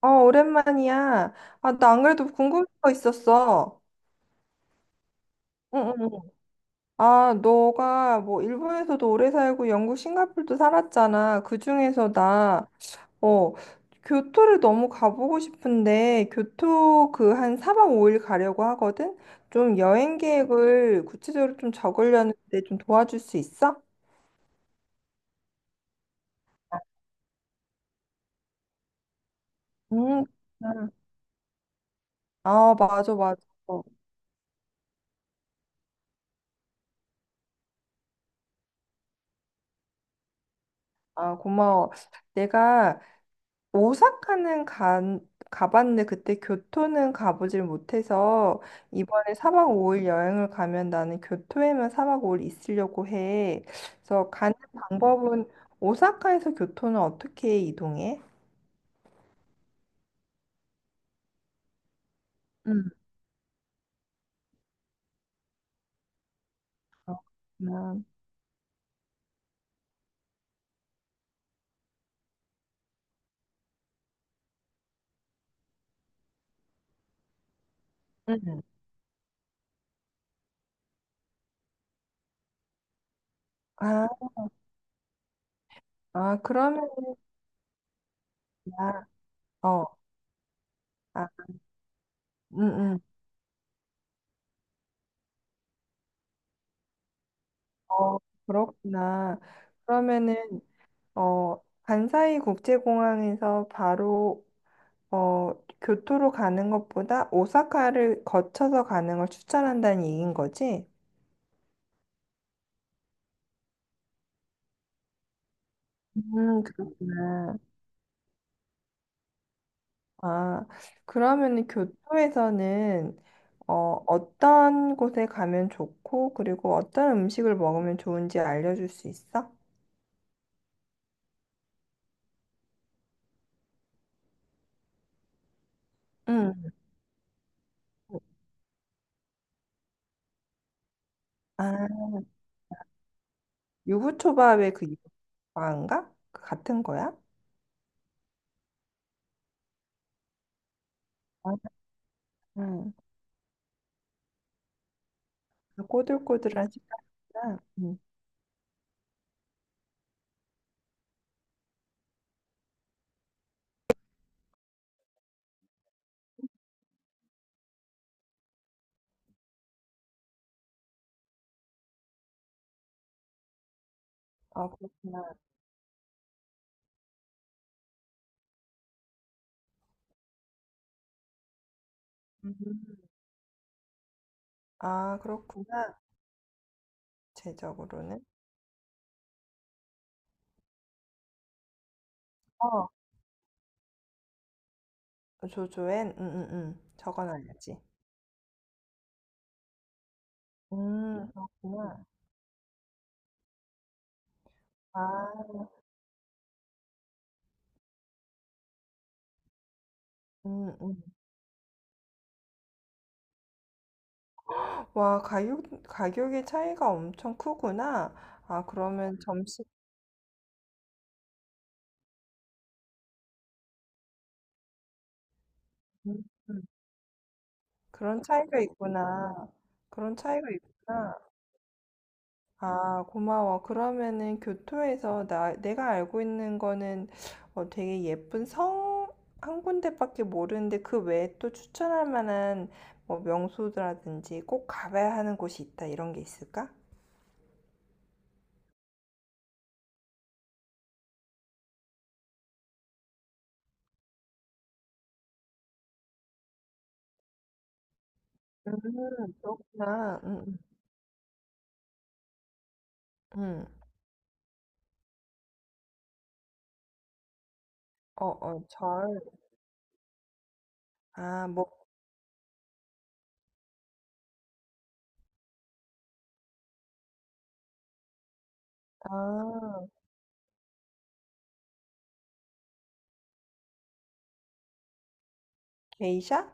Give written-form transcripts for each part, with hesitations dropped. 어, 오랜만이야. 아, 나 안 그래도 궁금한 거 있었어. 응, 응. 응. 아, 너가 뭐 일본에서도 오래 살고 영국, 싱가포르도 살았잖아. 그중에서 나, 어, 교토를 너무 가보고 싶은데, 교토 그 한 4박 5일 가려고 하거든? 좀 여행 계획을 구체적으로 좀 적으려는데 좀 도와줄 수 있어? 응. 아, 맞아, 맞아. 아, 고마워. 내가 오사카는 가봤는데 그때 교토는 가보질 못해서 이번에 사박 5일 여행을 가면 나는 교토에만 사박 5일 있으려고 해. 그래서 가는 방법은 오사카에서 교토는 어떻게 이동해? 음. 어, 그렇구나. 음. 아, 아, 그러면, 나, 어, 아, 음, 음, 어, 그렇구나. 그러면은, 어, 간사이 국제공항에서 바로 어, 교토로 가는 것보다 오사카를 거쳐서 가는 걸 추천한다는 얘기인 거지? 그렇구나. 아, 그러면은 교토에서는 어, 어떤 곳에 가면 좋고, 그리고 어떤 음식을 먹으면 좋은지 알려줄 수 있어? 응. 아, 유부초밥의 그 유부초밥인가? 그 같은 거야? 아, 응. 그 꼬들꼬들한 식감이구나. 음. 아, 그렇구나. 음. 아, 그렇구나. 제적으로는. 어. 조조엔 응응응 적어놔야지. 음, 그렇구나. 아. 음음. 와, 가격의 차이가 엄청 크구나. 아, 그러면 점심. 음, 음. 그런 차이가 있구나. 그런 차이가 있구나. 아, 고마워. 그러면은 교토에서 나 내가 알고 있는 거는 어, 되게 예쁜 성 한 군데밖에 모르는데 그 외에 또 추천할 만한 뭐 명소라든지 꼭 가봐야 하는 곳이 있다 이런 게 있을까? 음, 그렇구나. 음. 어, 어, 절. 아, 뭐, 아, 게이샤?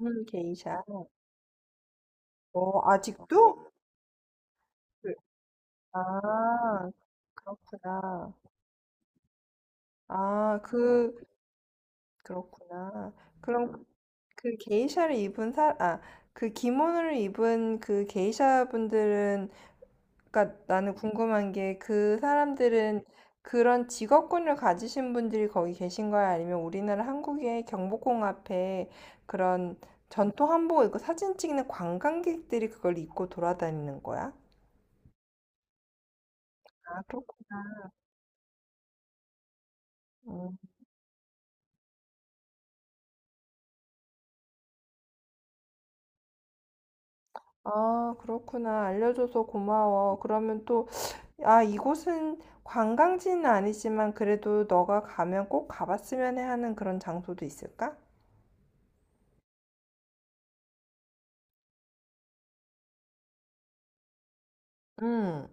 게이샤. 어, 아직도? 그, 아, 그렇구나. 아, 그, 그렇구나. 그럼 그 게이샤를 입은 아, 그 기모노를 입은 그 게이샤 분들은 그러니까 나는 궁금한 게 그 사람들은 그런 직업군을 가지신 분들이 거기 계신 거야? 아니면 우리나라 한국의 경복궁 앞에 그런 전통 한복을 입고 사진 찍는 관광객들이 그걸 입고 돌아다니는 거야? 아, 그렇구나. 아, 그렇구나. 알려줘서 고마워. 그러면 또, 아, 이곳은 관광지는 아니지만 그래도 너가 가면 꼭 가봤으면 해 하는 그런 장소도 있을까? 응.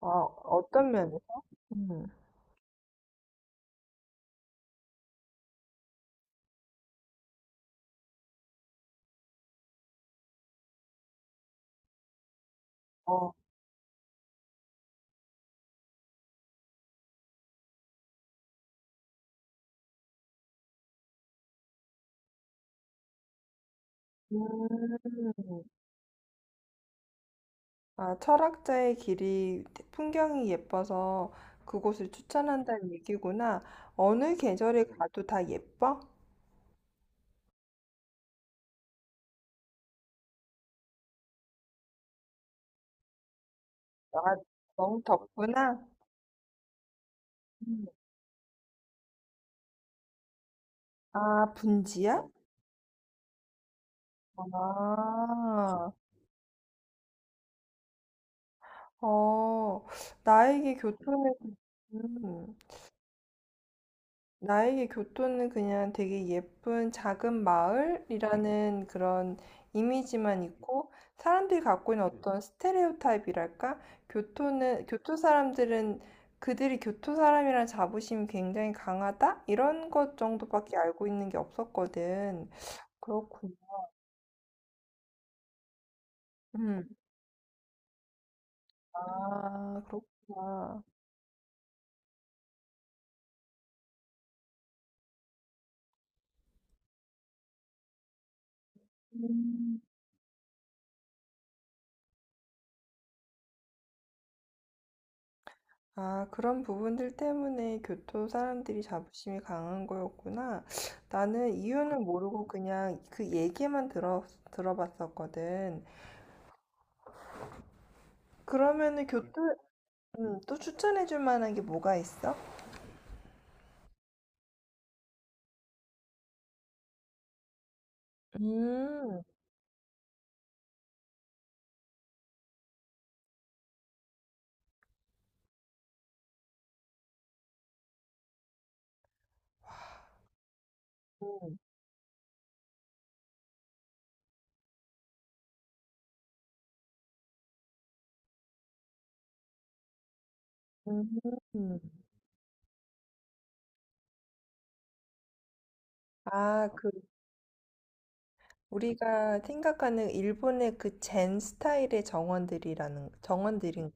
아, 어떤 면에서? 음. 어. 음. 아, 철학자의 길이 풍경이 예뻐서 그곳을 추천한다는 얘기구나. 어느 계절에 가도 다 예뻐? 아, 너무 덥구나. 음. 아, 분지야? 아, 어, 나에게 교통의, 음. 나에게 교토는 그냥 되게 예쁜 작은 마을이라는 그런 이미지만 있고 사람들이 갖고 있는 어떤 스테레오타입이랄까? 교토는 교토 사람들은 그들이 교토 사람이라는 자부심이 굉장히 강하다? 이런 것 정도밖에 알고 있는 게 없었거든. 그렇구나. 음. 아, 그렇구나. 음. 아, 그런 부분들 때문에 교토 사람들이 자부심이 강한 거였구나. 나는 이유는 모르고 그냥 그 얘기만 들어봤었거든. 그러면은 교토, 또 추천해줄 만한 게 뭐가 있어? 음, 음, 음. 아, 그, 우리가 생각하는 일본의 그 젠 스타일의 정원들이라는, 정원들인가?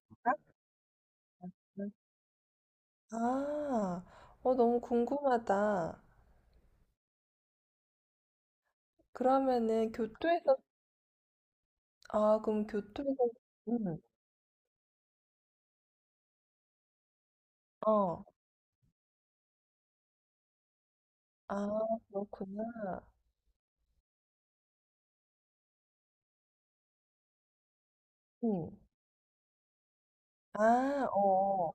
아, 어, 너무 궁금하다. 그러면은 교토에서 아, 그럼 교토에서. 음. 어. 아, 그렇구나. 음. 아, 어,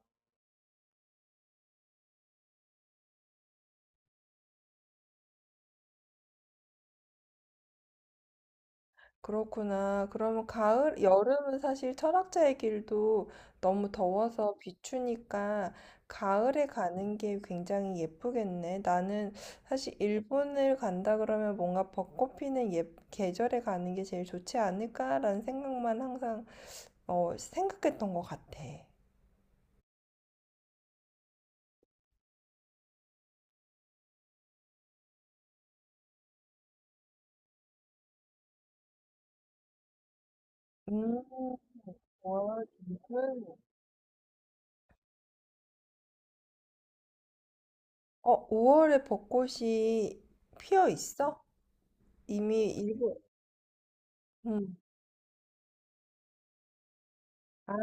그렇구나. 그러면 가을, 여름은 사실 철학자의 길도 너무 더워서 비추니까 가을에 가는 게 굉장히 예쁘겠네. 나는 사실 일본을 간다 그러면 뭔가 벚꽃 피는 계절에 가는 게 제일 좋지 않을까라는 생각만 항상, 어, 생각했던 것 같아. 음. 와, 정말. 어, 5월에 벚꽃이 피어 있어? 이미 일본, 음. 아,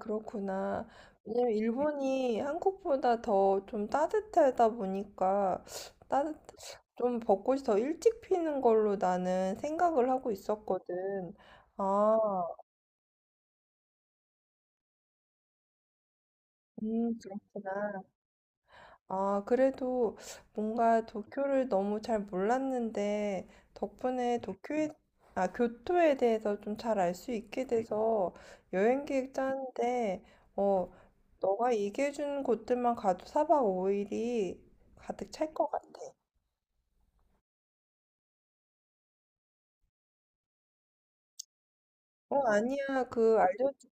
그렇구나. 왜냐면 일본이 한국보다 더 좀 따뜻하다 보니까 따뜻, 좀 벚꽃이 더 일찍 피는 걸로 나는 생각을 하고 있었거든. 아, 그렇구나. 아, 그래도 뭔가 도쿄를 너무 잘 몰랐는데, 덕분에 교토에 대해서 좀 잘 알 수 있게 돼서 여행 계획 짜는데, 어, 너가 얘기해준 곳들만 가도 사박오일이 가득 찰 것 같아. 어, 아니야. 그, 알려줘.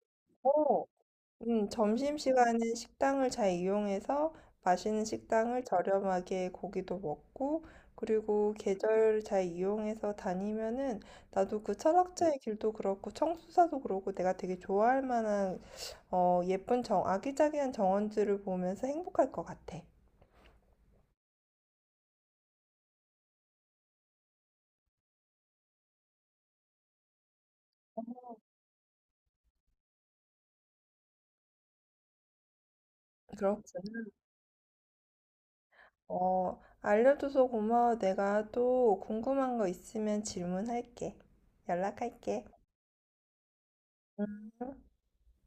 점심시간에 식당을 잘 이용해서 맛있는 식당을 저렴하게 고기도 먹고, 그리고 계절 잘 이용해서 다니면은 나도 그 철학자의 길도 그렇고 청수사도 그렇고 내가 되게 좋아할 만한 어, 예쁜 아기자기한 정원들을 보면서 행복할 것 같아. 그렇군. 어, 알려줘서 고마워. 내가 또 궁금한 거 있으면 질문할게. 연락할게. 음.